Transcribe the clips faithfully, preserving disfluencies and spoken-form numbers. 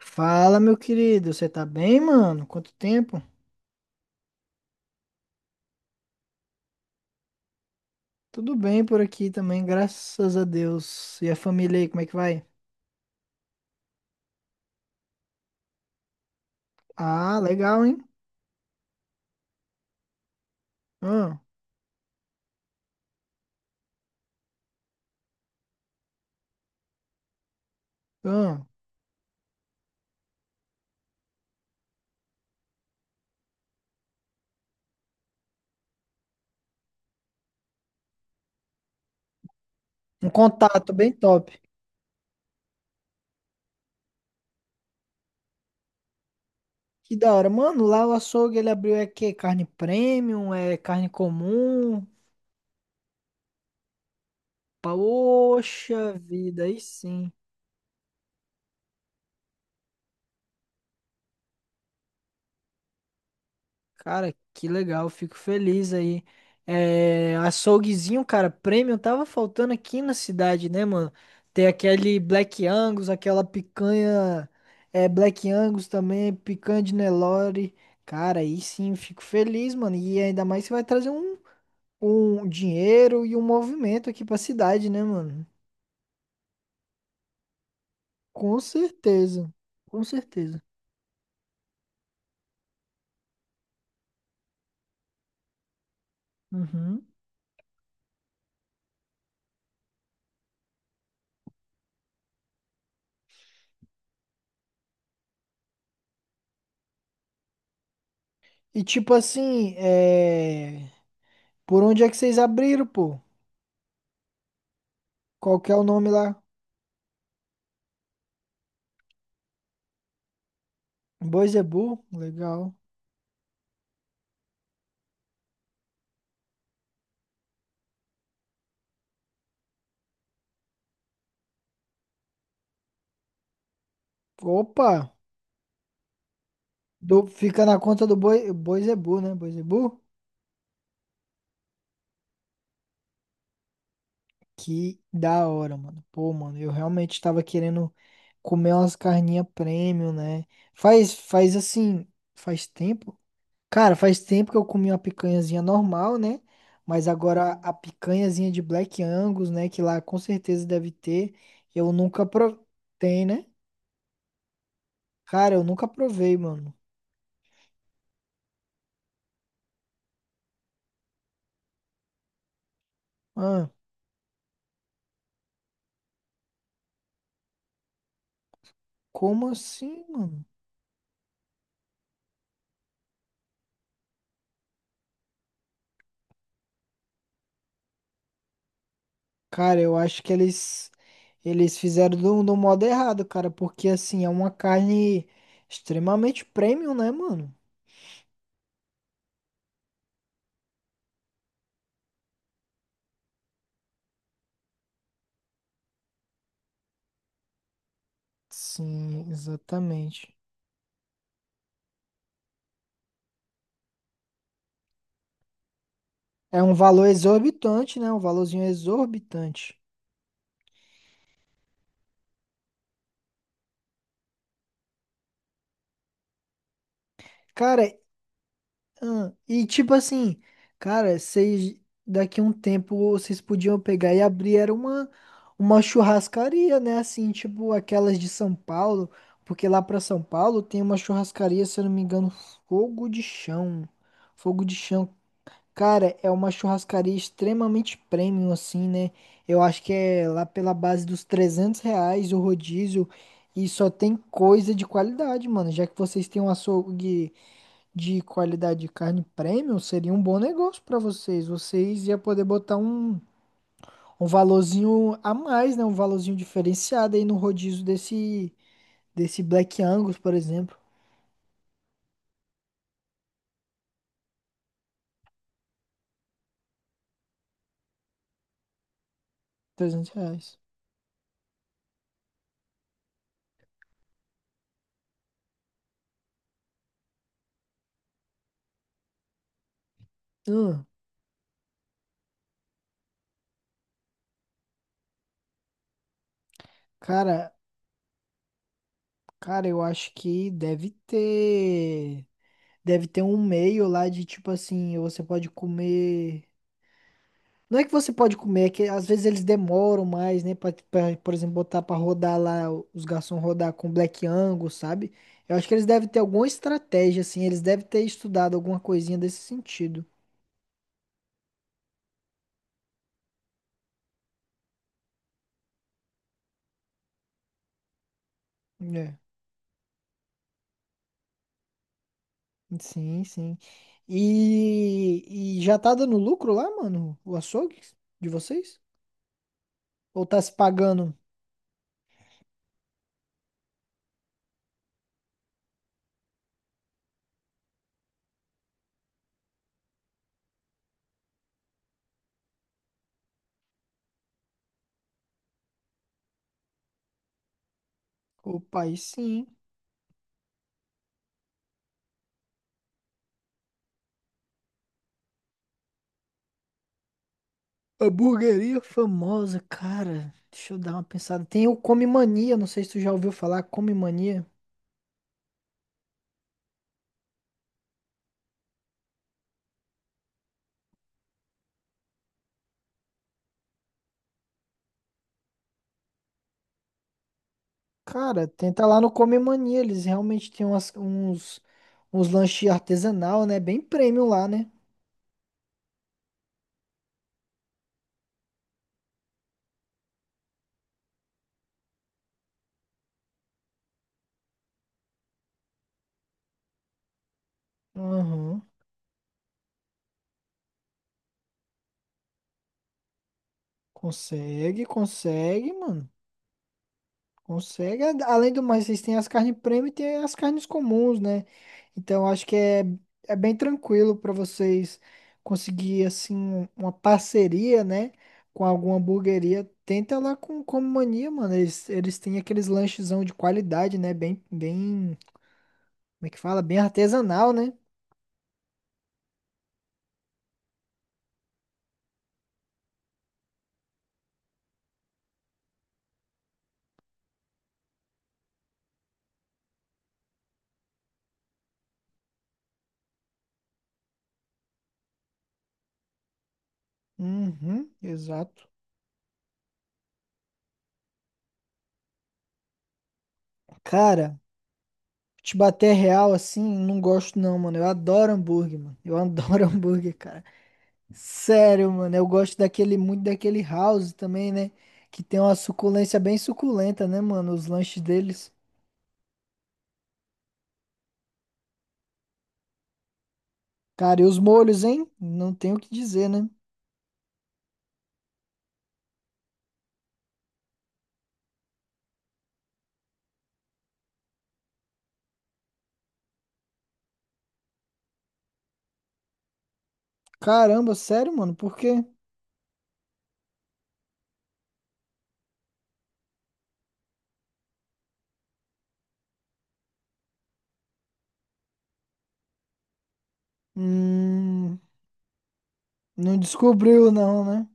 Fala, meu querido, você tá bem, mano? Quanto tempo? Tudo bem por aqui também, graças a Deus. E a família aí, como é que vai? Ah, legal, hein? Ah, ah. Um contato bem top. Que da hora. Mano, lá o açougue ele abriu é quê? Carne premium, é carne comum? Poxa vida, aí sim. Cara, que legal, fico feliz aí. É, açouguezinho, cara, premium tava faltando aqui na cidade, né, mano? Tem aquele Black Angus, aquela picanha, é, Black Angus também, picanha de Nelore. Cara, aí sim, fico feliz, mano. E ainda mais você vai trazer um, um dinheiro e um movimento aqui pra cidade, né, mano? Com certeza, com certeza. Uhum. E tipo assim, é, por onde é que vocês abriram, pô? Qual que é o nome lá? Boisebu, legal. Opa, do- fica na conta do Boi, Boisebu, né? Boisebu? Que da hora, mano. Pô, mano, eu realmente tava querendo comer umas carninhas premium, né? Faz, faz assim, faz tempo. Cara, faz tempo que eu comi uma picanhazinha normal, né? Mas agora a picanhazinha de Black Angus, né? Que lá com certeza deve ter. Eu nunca provei, né? Cara, eu nunca provei, mano. Ah, como assim, mano? Cara, eu acho que eles eles fizeram do, do modo errado, cara, porque assim, é uma carne extremamente premium, né, mano? Sim, exatamente. É um valor exorbitante, né? Um valorzinho exorbitante. Cara, ah, e tipo assim, cara, vocês daqui a um tempo vocês podiam pegar e abrir era uma uma churrascaria, né? Assim, tipo aquelas de São Paulo, porque lá pra São Paulo tem uma churrascaria, se eu não me engano, Fogo de Chão. Fogo de Chão. Cara, é uma churrascaria extremamente premium, assim, né? Eu acho que é lá pela base dos trezentos reais o rodízio e só tem coisa de qualidade, mano. Já que vocês têm um açougue de qualidade de carne premium seria um bom negócio para vocês. Vocês iam poder botar um, um valorzinho a mais, né? Um valorzinho diferenciado aí no rodízio desse, desse Black Angus, por exemplo. Trezentos reais. Hum, cara, cara, eu acho que deve ter. Deve ter um meio lá de tipo assim, você pode comer. Não é que você pode comer, é que às vezes eles demoram mais, né? Pra, pra, por exemplo, botar pra rodar lá, os garçons rodar com Black Angus, sabe? Eu acho que eles devem ter alguma estratégia, assim, eles devem ter estudado alguma coisinha desse sentido. É, sim, sim. E, e já tá dando lucro lá, mano? O açougue de vocês? Ou tá se pagando? Opa, aí sim. A burgueria famosa, cara. Deixa eu dar uma pensada. Tem o Come Mania, não sei se tu já ouviu falar, Come Mania. Cara, tenta lá no Come Mania, eles realmente têm umas- uns, uns lanches artesanal, né? Bem premium lá, né? Aham. Consegue, consegue, mano. Consegue. A- Além do mais, vocês têm as carnes premium e tem as carnes comuns, né? Então acho que é, é bem tranquilo pra vocês conseguir, assim, uma parceria, né? Com alguma hamburgueria. Tenta lá com o Come Mania, mano. Eles, eles têm aqueles lanchezão de qualidade, né? Bem, bem, como é que fala? Bem artesanal, né? Uhum, exato. Cara, te bater real assim, não gosto não, mano. Eu adoro hambúrguer, mano. Eu adoro hambúrguer, cara. Sério, mano. Eu gosto daquele, muito daquele house também, né? Que tem uma suculência bem suculenta, né, mano? Os lanches deles. Cara, e os molhos, hein? Não tenho o que dizer, né? Caramba, sério, mano. Por quê? Hum, não descobriu não, né?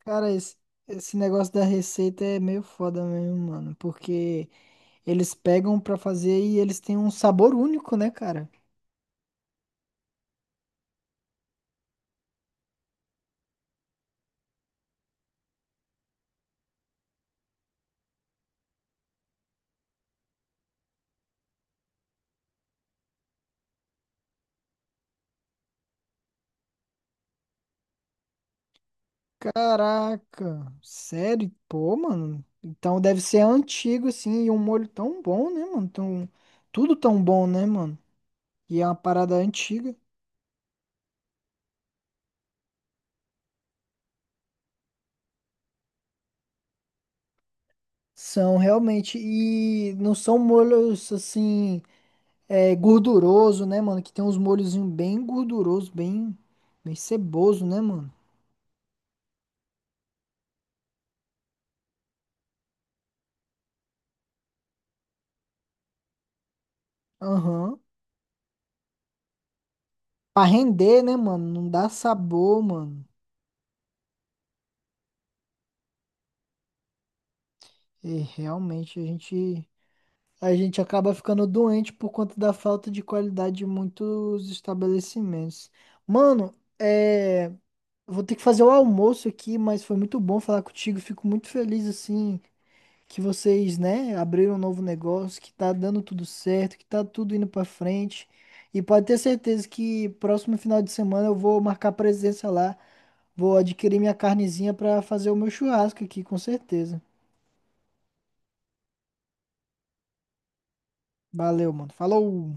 Cara, esse, esse negócio da receita é meio foda mesmo, mano. Porque eles pegam pra fazer e eles têm um sabor único, né, cara? Caraca, sério? Pô, mano. Então deve ser antigo, assim, e um molho tão bom, né, mano? Tão, tudo tão bom, né, mano? E é uma parada antiga. São realmente. E não são molhos, assim, é, gorduroso, né, mano? Que tem uns molhozinhos bem gorduroso, bem, bem ceboso, né, mano? Aham. Pra render, né, mano? Não dá sabor, mano. E realmente a gente a gente acaba ficando doente por conta da falta de qualidade de muitos estabelecimentos. Mano, é, vou ter que fazer o almoço aqui, mas foi muito bom falar contigo. Fico muito feliz assim que vocês, né, abriram um novo negócio, que tá dando tudo certo, que tá tudo indo pra frente. E pode ter certeza que próximo final de semana eu vou marcar presença lá. Vou adquirir minha carnezinha pra fazer o meu churrasco aqui, com certeza. Valeu, mano. Falou!